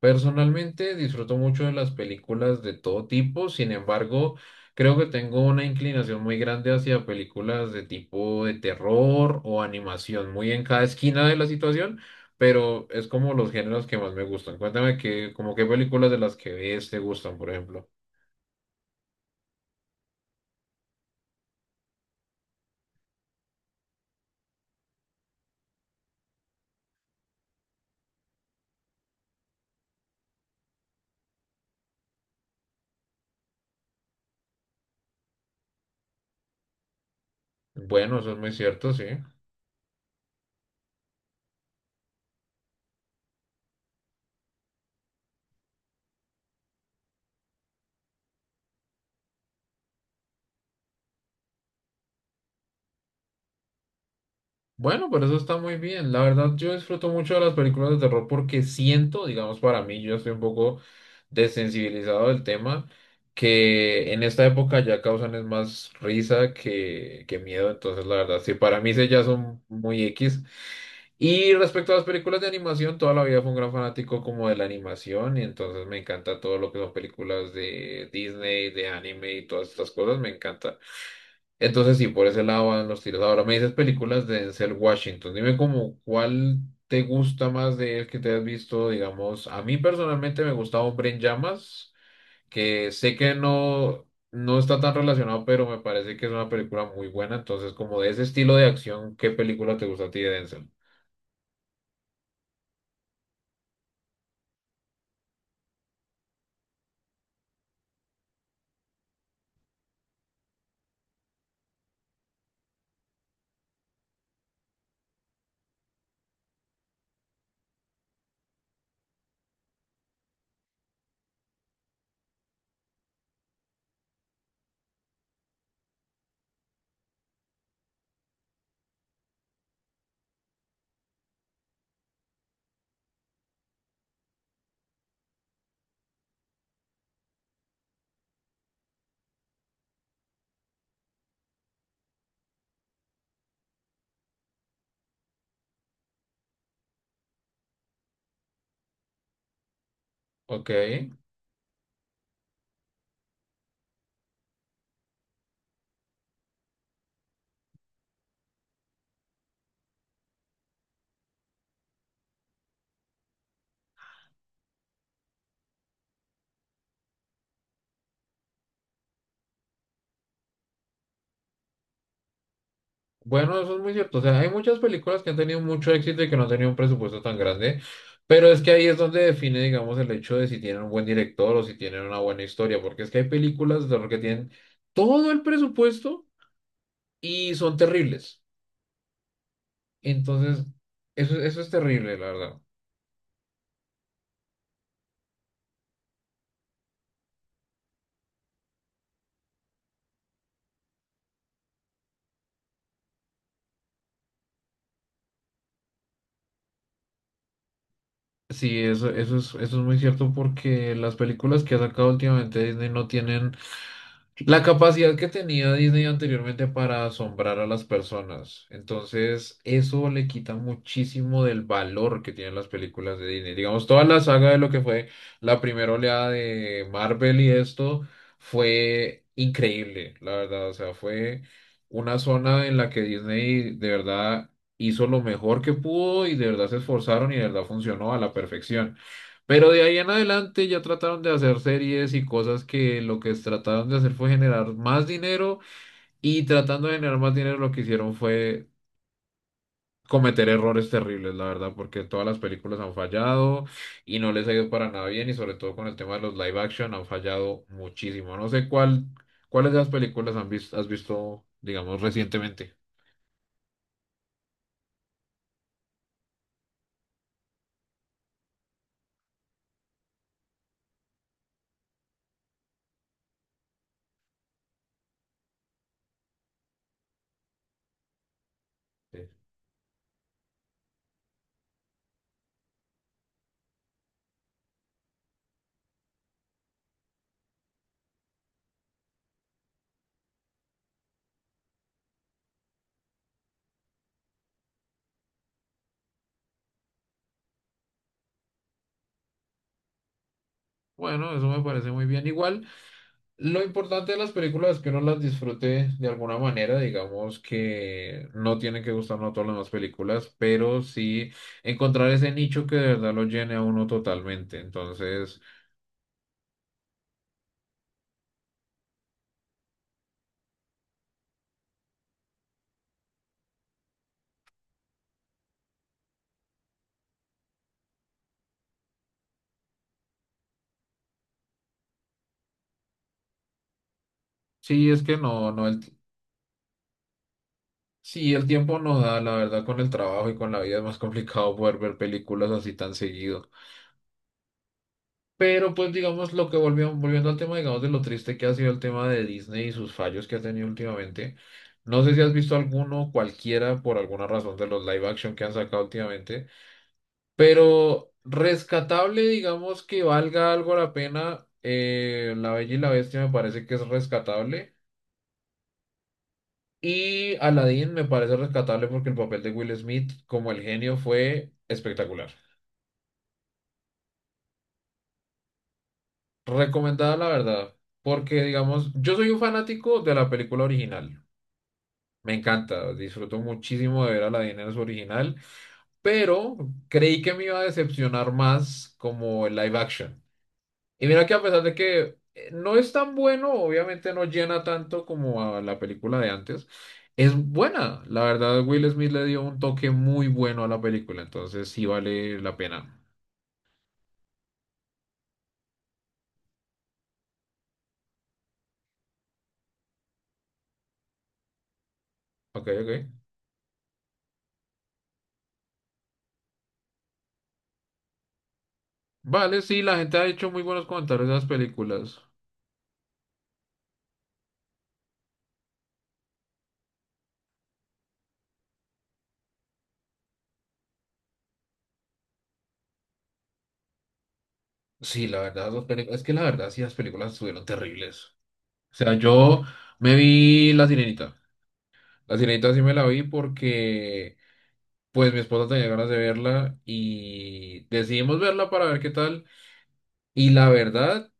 Personalmente disfruto mucho de las películas de todo tipo, sin embargo, creo que tengo una inclinación muy grande hacia películas de tipo de terror o animación, muy en cada esquina de la situación, pero es como los géneros que más me gustan. Cuéntame que, como qué películas de las que ves te gustan, por ejemplo. Bueno, eso es muy cierto, sí. Bueno, pero eso está muy bien. La verdad, yo disfruto mucho de las películas de terror porque siento, digamos, para mí, yo estoy un poco desensibilizado del tema, que en esta época ya causan es más risa que miedo. Entonces, la verdad, sí, para mí sí ya son muy X. Y respecto a las películas de animación, toda la vida fui un gran fanático como de la animación y entonces me encanta todo lo que son películas de Disney, de anime y todas estas cosas, me encanta. Entonces, sí, por ese lado van los tiros. Ahora me dices películas de Denzel Washington. Dime como cuál te gusta más de él que te has visto, digamos. A mí personalmente me gusta Hombre en Llamas, que sé que no está tan relacionado, pero me parece que es una película muy buena. Entonces, como de ese estilo de acción, ¿qué película te gusta a ti de Denzel? Ok. Bueno, eso es muy cierto. O sea, hay muchas películas que han tenido mucho éxito y que no han tenido un presupuesto tan grande, pero es que ahí es donde define, digamos, el hecho de si tienen un buen director o si tienen una buena historia, porque es que hay películas de terror que tienen todo el presupuesto y son terribles. Entonces, eso es terrible, la verdad. Sí, eso es muy cierto porque las películas que ha sacado últimamente Disney no tienen la capacidad que tenía Disney anteriormente para asombrar a las personas. Entonces, eso le quita muchísimo del valor que tienen las películas de Disney. Digamos, toda la saga de lo que fue la primera oleada de Marvel y esto fue increíble, la verdad. O sea, fue una zona en la que Disney de verdad hizo lo mejor que pudo y de verdad se esforzaron y de verdad funcionó a la perfección. Pero de ahí en adelante ya trataron de hacer series y cosas que lo que trataron de hacer fue generar más dinero y tratando de generar más dinero lo que hicieron fue cometer errores terribles, la verdad, porque todas las películas han fallado y no les ha ido para nada bien y sobre todo con el tema de los live action han fallado muchísimo. No sé cuál, cuáles de las películas han visto, has visto, digamos, recientemente. Sí. Bueno, eso me parece muy bien. Igual. Lo importante de las películas es que uno las disfrute de alguna manera, digamos que no tienen que gustarnos todas las demás películas, pero sí encontrar ese nicho que de verdad lo llene a uno totalmente. Entonces, sí, es que no, no, el, ti- sí, el tiempo nos da, la verdad, con el trabajo y con la vida es más complicado poder ver películas así tan seguido. Pero pues digamos lo que volviendo al tema, digamos, de lo triste que ha sido el tema de Disney y sus fallos que ha tenido últimamente. No sé si has visto alguno, cualquiera, por alguna razón de los live action que han sacado últimamente, pero rescatable, digamos, que valga algo la pena. La Bella y la Bestia me parece que es rescatable. Y Aladdin me parece rescatable porque el papel de Will Smith como el genio fue espectacular. Recomendada la verdad, porque digamos, yo soy un fanático de la película original. Me encanta, disfruto muchísimo de ver Aladdin en su original, pero creí que me iba a decepcionar más como el live action. Y mira que a pesar de que no es tan bueno, obviamente no llena tanto como a la película de antes, es buena. La verdad, Will Smith le dio un toque muy bueno a la película, entonces sí vale la pena. Ok, ok. Vale, sí, la gente ha hecho muy buenos comentarios de las películas. Sí, la verdad, las películas, es que la verdad, sí, las películas estuvieron terribles. O sea, yo me vi La Sirenita. La Sirenita sí me la vi porque pues mi esposa tenía ganas de verla y decidimos verla para ver qué tal. Y la verdad,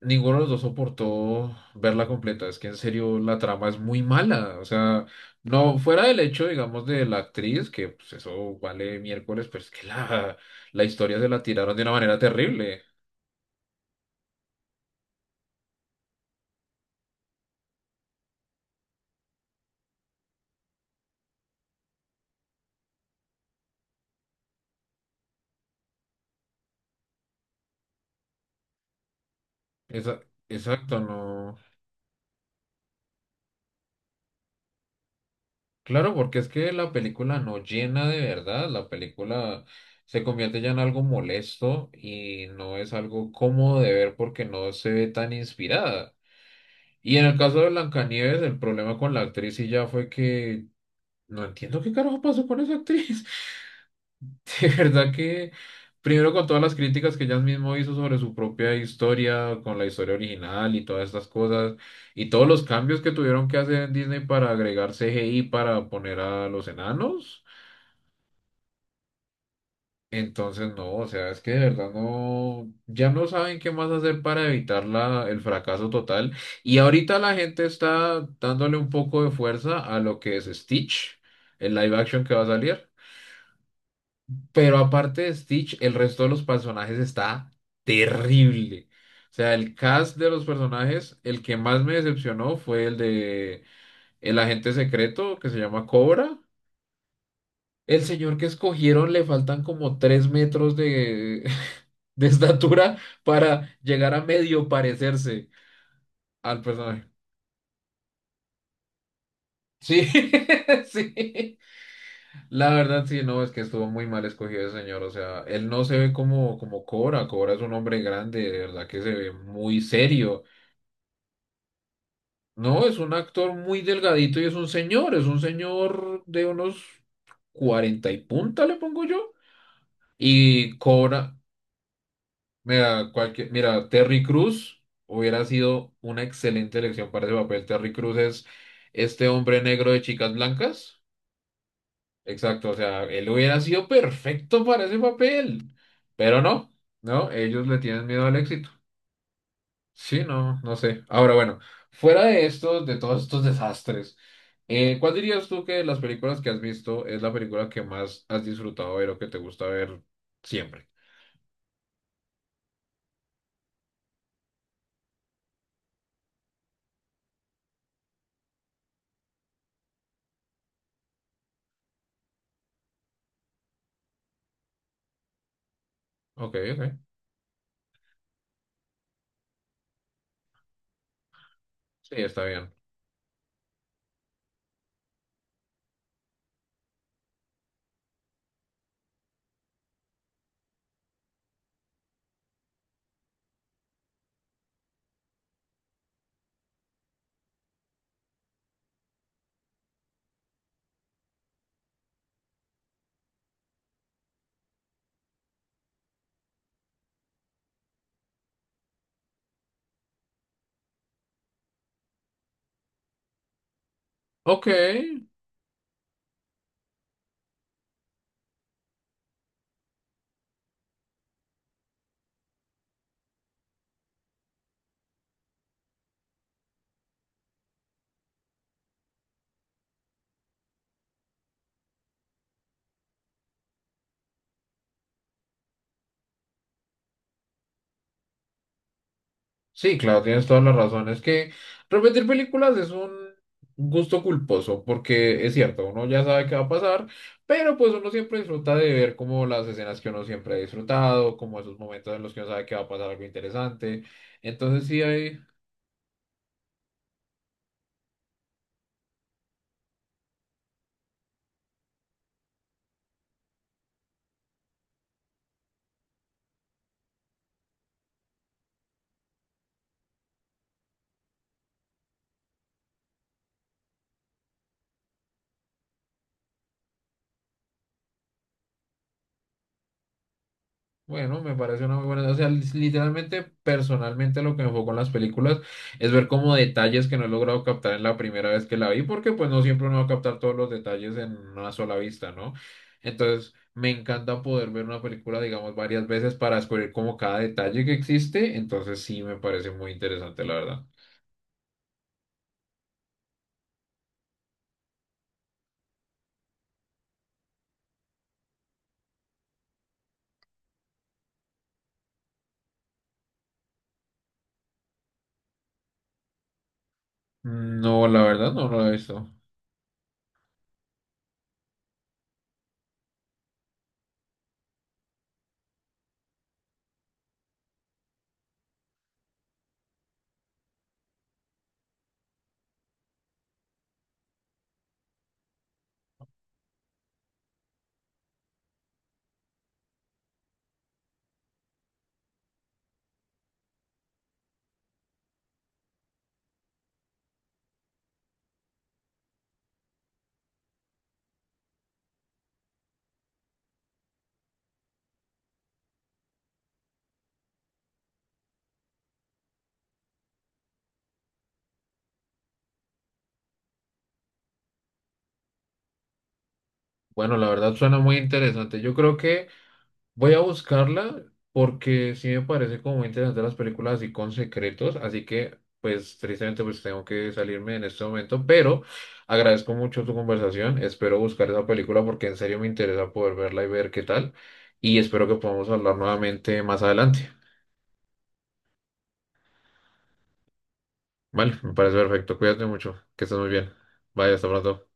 ninguno de los dos soportó verla completa. Es que en serio la trama es muy mala. O sea, no fuera del hecho, digamos, de la actriz, que pues eso vale miércoles, pero es que la historia se la tiraron de una manera terrible. Esa- exacto, no. Claro, porque es que la película no llena de verdad, la película se convierte ya en algo molesto y no es algo cómodo de ver porque no se ve tan inspirada. Y en el caso de Blancanieves, el problema con la actriz y ya fue que no entiendo qué carajo pasó con esa actriz. De verdad que, primero con todas las críticas que ella mismo hizo sobre su propia historia, con la historia original y todas estas cosas, y todos los cambios que tuvieron que hacer en Disney para agregar CGI para poner a los enanos. Entonces, no, o sea, es que de verdad no, ya no saben qué más hacer para evitar el fracaso total. Y ahorita la gente está dándole un poco de fuerza a lo que es Stitch, el live action que va a salir. Pero aparte de Stitch, el resto de los personajes está terrible. O sea, el cast de los personajes, el que más me decepcionó fue el de el agente secreto que se llama Cobra. El señor que escogieron le faltan como tres metros de, de estatura para llegar a medio parecerse al personaje. Sí, sí. La verdad, sí, no, es que estuvo muy mal escogido ese señor. O sea, él no se ve como, como Cobra. Cobra es un hombre grande, de verdad que se ve muy serio. No, es un actor muy delgadito y es un señor de unos 40 y punta, le pongo yo. Y Cobra, mira, cualquier, mira, Terry Cruz hubiera sido una excelente elección para ese papel. Terry Cruz es este hombre negro de chicas blancas. Exacto, o sea, él hubiera sido perfecto para ese papel, pero no, no, ellos le tienen miedo al éxito. Sí, no, no sé. Ahora, bueno, fuera de estos, de todos estos desastres, ¿cuál dirías tú que de las películas que has visto es la película que más has disfrutado ver o que te gusta ver siempre? Ok, ok, sí, está bien. Ok, sí, claro, tienes toda la razón. Es que repetir películas es un gusto culposo, porque es cierto, uno ya sabe qué va a pasar, pero pues uno siempre disfruta de ver como las escenas que uno siempre ha disfrutado, como esos momentos en los que uno sabe que va a pasar algo interesante. Entonces sí, hay, bueno, me parece una muy buena. O sea, literalmente, personalmente, lo que me enfocó en las películas es ver como detalles que no he logrado captar en la primera vez que la vi, porque pues no siempre uno va a captar todos los detalles en una sola vista, ¿no? Entonces, me encanta poder ver una película, digamos, varias veces para descubrir como cada detalle que existe. Entonces, sí, me parece muy interesante, la verdad. No, la verdad, no lo he visto. Bueno, la verdad suena muy interesante. Yo creo que voy a buscarla porque sí me parece como muy interesante las películas así con secretos, así que pues tristemente pues tengo que salirme en este momento, pero agradezco mucho tu conversación, espero buscar esa película porque en serio me interesa poder verla y ver qué tal y espero que podamos hablar nuevamente más adelante. Vale, me parece perfecto, cuídate mucho, que estés muy bien. Bye, hasta pronto.